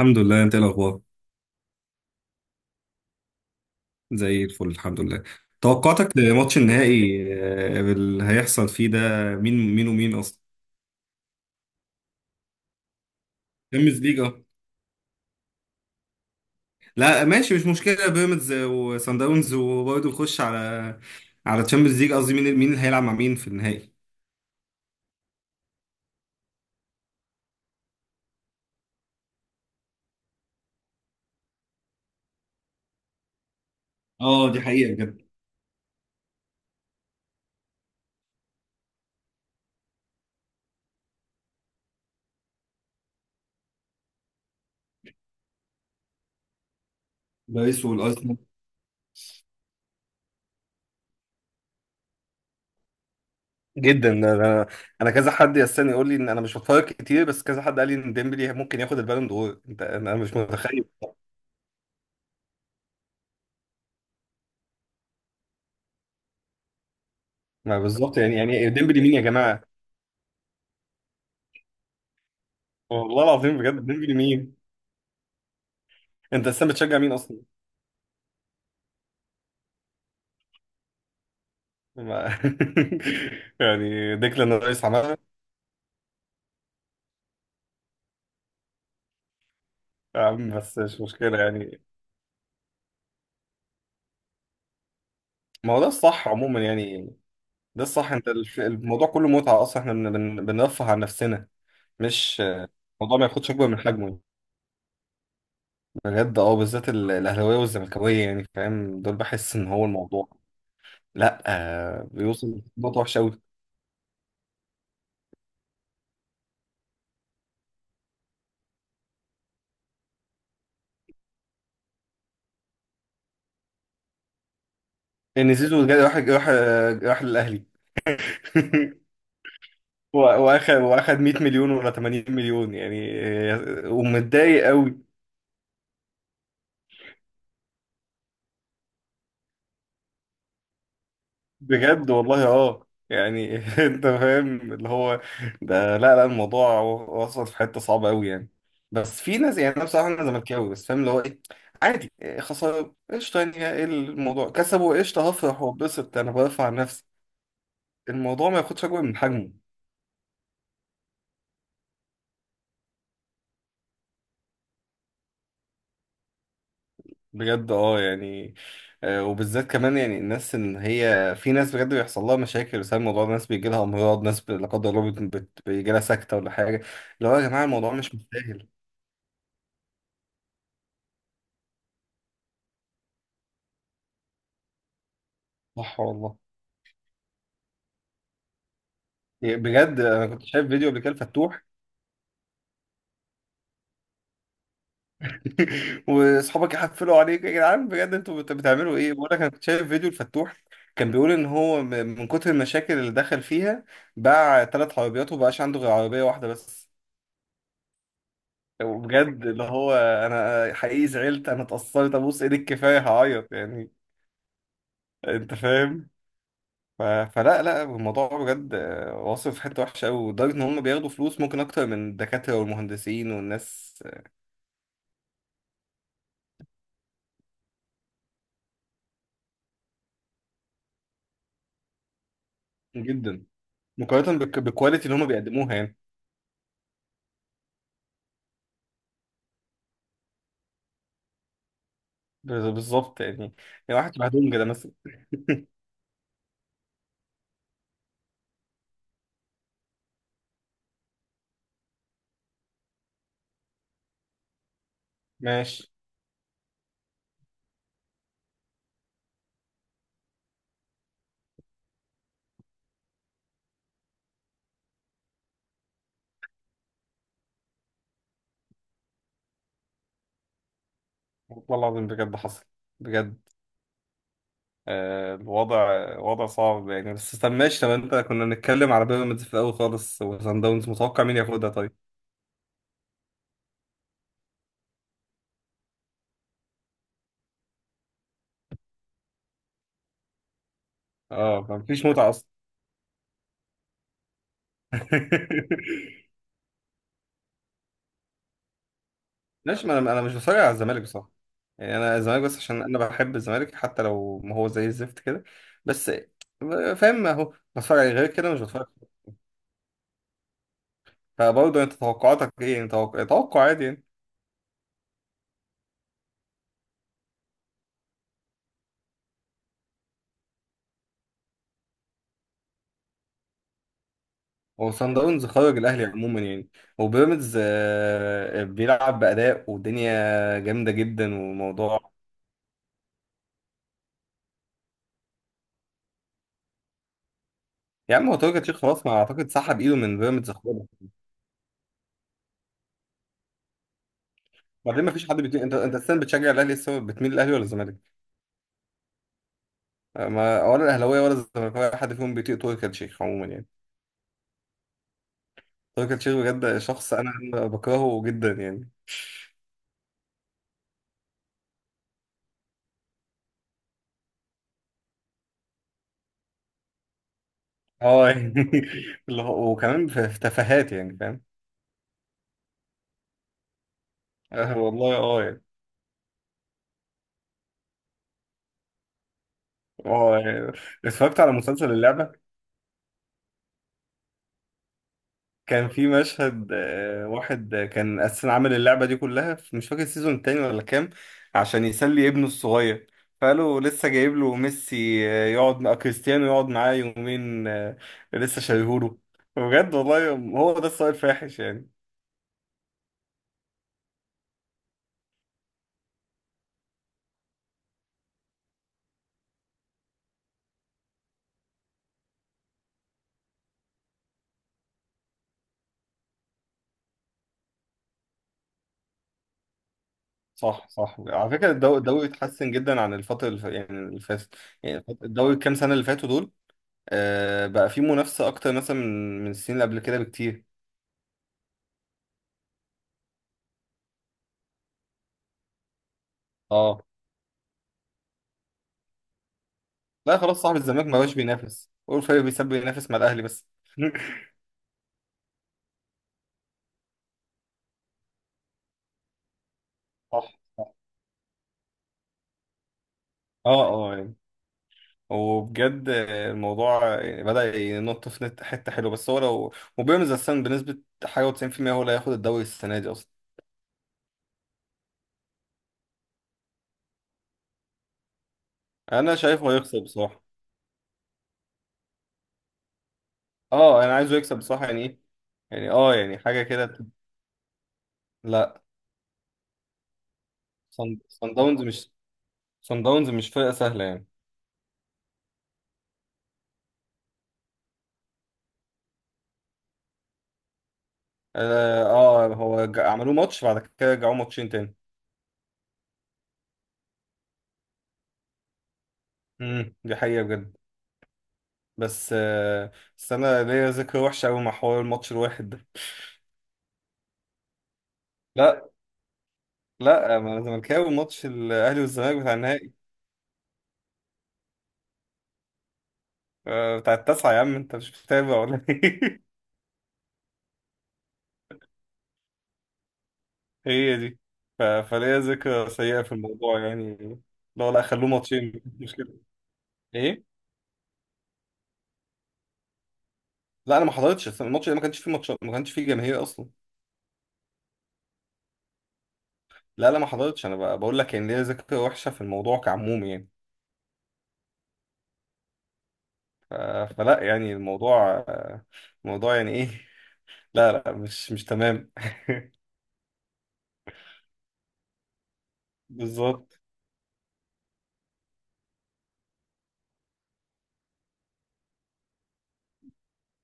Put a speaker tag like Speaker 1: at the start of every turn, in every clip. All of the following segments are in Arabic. Speaker 1: الحمد لله، انت ايه الاخبار؟ زي الفل، الحمد لله. توقعاتك لماتش النهائي اللي هيحصل فيه ده؟ مين مين ومين اصلا؟ بيراميدز ليج، اه. لا ماشي، مش مشكله. بيراميدز وصن داونز، وبرضه نخش على تشامبيونز ليج، قصدي مين مين اللي هيلعب مع مين في النهائي؟ اه، دي حقيقة بجد. باريس والارسنال. جدا. انا كذا حد يستني يقول لي ان انا مش بتفرج كتير، بس كذا حد قال لي ان ديمبلي ممكن ياخد البالون دور، انت انا مش متخيل. ما بالظبط، يعني ديمبلي مين يا جماعه؟ والله العظيم بجد، ديمبلي مين؟ انت اصلا بتشجع مين اصلا؟ ما- يعني ديكلان رايس عملها. يا عم بس مش مشكله يعني، ما هو ده الصح عموما يعني. ده الصح. الموضوع كله متعه اصلا، احنا بنرفه عن نفسنا. مش الموضوع ما ياخدش اكبر من حجمه يعني. بجد اه، بالذات الاهلاويه والزملكاويه يعني فاهم، دول بحس ان هو الموضوع. لا، بيوصل نقطه وحشه قوي. ان زيزو جاي، راح للاهلي. هو واخد 100 مليون ولا 80 مليون يعني؟ ومتضايق قوي. بجد والله، اه يعني، انت فاهم اللي هو ده. لا لا، الموضوع وصل في حته صعبه قوي يعني. بس في ناس يعني، انا بصراحه انا زملكاوي بس فاهم اللي هو ايه. عادي خساره قشطه، يعني ايه الموضوع؟ كسبوا قشطه هفرح واتبسط، انا برفع عن نفسي الموضوع، ما ياخدش اكبر من حجمه. بجد اه يعني. وبالذات كمان يعني، الناس ان هي، في ناس بجد بيحصل لها مشاكل بسبب الموضوع ده، ناس بيجي لها امراض، ناس لا قدر الله بيجي لها سكته ولا حاجه. اللي هو يا جماعه الموضوع مش مستاهل. صح والله. يعني بجد انا كنت شايف فيديو قبل كده الفتوح. واصحابك يحفلوا عليك يا جدعان، بجد انتوا بتعملوا ايه؟ بقول لك انا كنت شايف فيديو الفتوح، كان بيقول ان هو من كتر المشاكل اللي دخل فيها، باع ثلاث عربيات ومبقاش عنده غير عربيه واحده بس. وبجد اللي هو انا حقيقي زعلت، انا اتأثرت، ابوس ايدك كفاية هعيط يعني، انت فاهم. ف... فلا لا، الموضوع بجد واصل في حتة وحشة قوي، لدرجة ان هم بياخدوا فلوس ممكن اكتر من الدكاترة والمهندسين والناس. جدا. مقارنة بالكواليتي اللي هم بيقدموها يعني. بالظبط يعني. يعني واحد شبه دونجا ده مثلا. ماشي. والله العظيم بجد حصل. بجد الوضع وضع صعب يعني. بس طب ماشي، طب انت كنا بنتكلم على بيراميدز في الاول خالص وصن داونز، متوقع مين ياخدها طيب؟ اه مفيش متعه اصلا. ماشي، ما انا انا مش بتفرج على الزمالك بصراحه يعني. انا الزمالك بس عشان انا بحب الزمالك، حتى لو ما هو زي الزفت كده. بس فاهم، اهو بتفرج عليه، غير كده مش بتفرج. فبرضه انت توقعاتك ايه يعني؟ توقع عادي يعني. هو صن داونز خرج الاهلي عموما يعني، وبيراميدز بيلعب باداء والدنيا جامده جدا والموضوع. يا عم هو تركي الشيخ خلاص، ما اعتقد سحب ايده من بيراميدز خالص. بعدين ما فيش حد انت انت السنه بتشجع الاهلي لسه، بتميل الاهلي ولا الزمالك؟ ما ولا الاهلاويه ولا الزملكاويه حد فيهم بيطيق تركي آل الشيخ عموما يعني. تركي آل الشيخ بجد شخص أنا بكرهه جدا يعني. اه يعني وكمان في في تفاهات يعني فاهم. آه والله اه يعني. اه يعني. اتفرجت على مسلسل اللعبه، كان في مشهد واحد، كان اساسا عامل اللعبه دي كلها، في مش فاكر السيزون التاني ولا كام، عشان يسلي ابنه الصغير، فقالوا لسه جايب له ميسي يقعد مع كريستيانو يقعد معاه يومين، لسه شايهوله، بجد والله. هو ده السؤال الفاحش يعني. صح صح، على فكره الدوري اتحسن جدا عن يعني اللي فاتت. يعني الدوري الكام سنه اللي فاتوا دول، بقى فيه منافسه اكتر مثلا من من السنين اللي قبل كده بكتير. اه لا خلاص، صاحب الزمالك ما بقاش بينافس، هو الفريق بيساب، ينافس مع الاهلي بس. صح اه اه يعني. وبجد الموضوع بدأ ينط في حتة حلوة، بس هو لو. وبيراميدز أساسا بنسبة حاجة و90% هو اللي هياخد الدوري السنة دي أصلا. أنا شايفه هيكسب بصراحة. اه أنا عايزه يكسب بصراحة يعني، إيه يعني، اه يعني حاجة كده لا. صن صن داونز مش صن داونز مش فرقة سهلة يعني. اه هو عملوه ماتش، بعد كده رجعوه ماتشين تاني. دي حقيقة بجد. بس آه، بس انا ليا ذكرى وحشه قوي مع حوار الماتش الواحد ده. لا لا، ما انا زملكاوي، ماتش الاهلي والزمالك بتاع النهائي، بتاع التاسعه، يا عم انت مش بتتابع ولا ايه؟ هي دي. فليا ذكرى سيئه في الموضوع يعني. لا لا خلوه ماتشين مش كده. ايه. لا انا ما حضرتش الماتش ده، ما كانش فيه ماتش، ما كانش فيه جماهير اصلا. لا لا، ما حضرتش. انا بقول لك ان ليا ذكرى وحشه في الموضوع كعموم يعني. ف- فلا يعني، الموضوع الموضوع يعني ايه، لا لا مش مش تمام. بالظبط.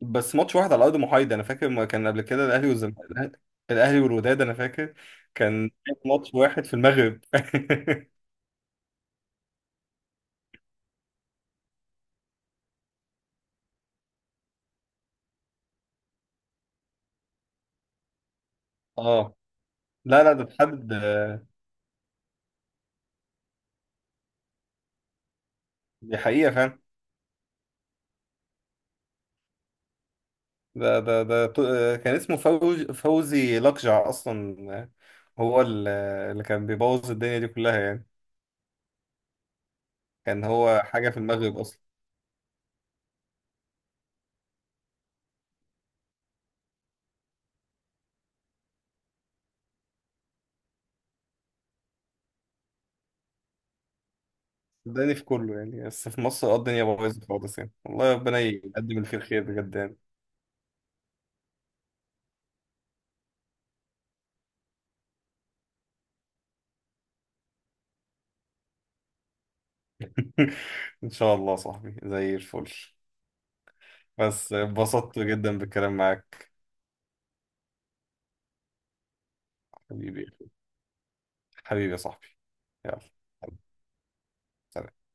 Speaker 1: بس ماتش واحد على ارض محايده، انا فاكر ما كان قبل كده الاهلي والزمالك. الاهلي والوداد انا فاكر كان ماتش واحد في المغرب. اه لا لا، ده اتحدد، دي حقيقه فاهم. ده ده ده ط- آه، كان اسمه فوزي لقجع اصلا، آه، هو ال- آه، اللي كان بيبوظ الدنيا دي كلها يعني، كان هو حاجه في المغرب اصلا. صدقني في كله يعني، بس في مصر اه الدنيا بايظه خالص يعني، والله ربنا يقدم اللي فيه الخير خير بجد يعني. ان شاء الله يا صاحبي زي الفل. بس اتبسطت جدا بالكلام معاك. حبيبي، حبيبي يا صاحبي، يلا، سلام.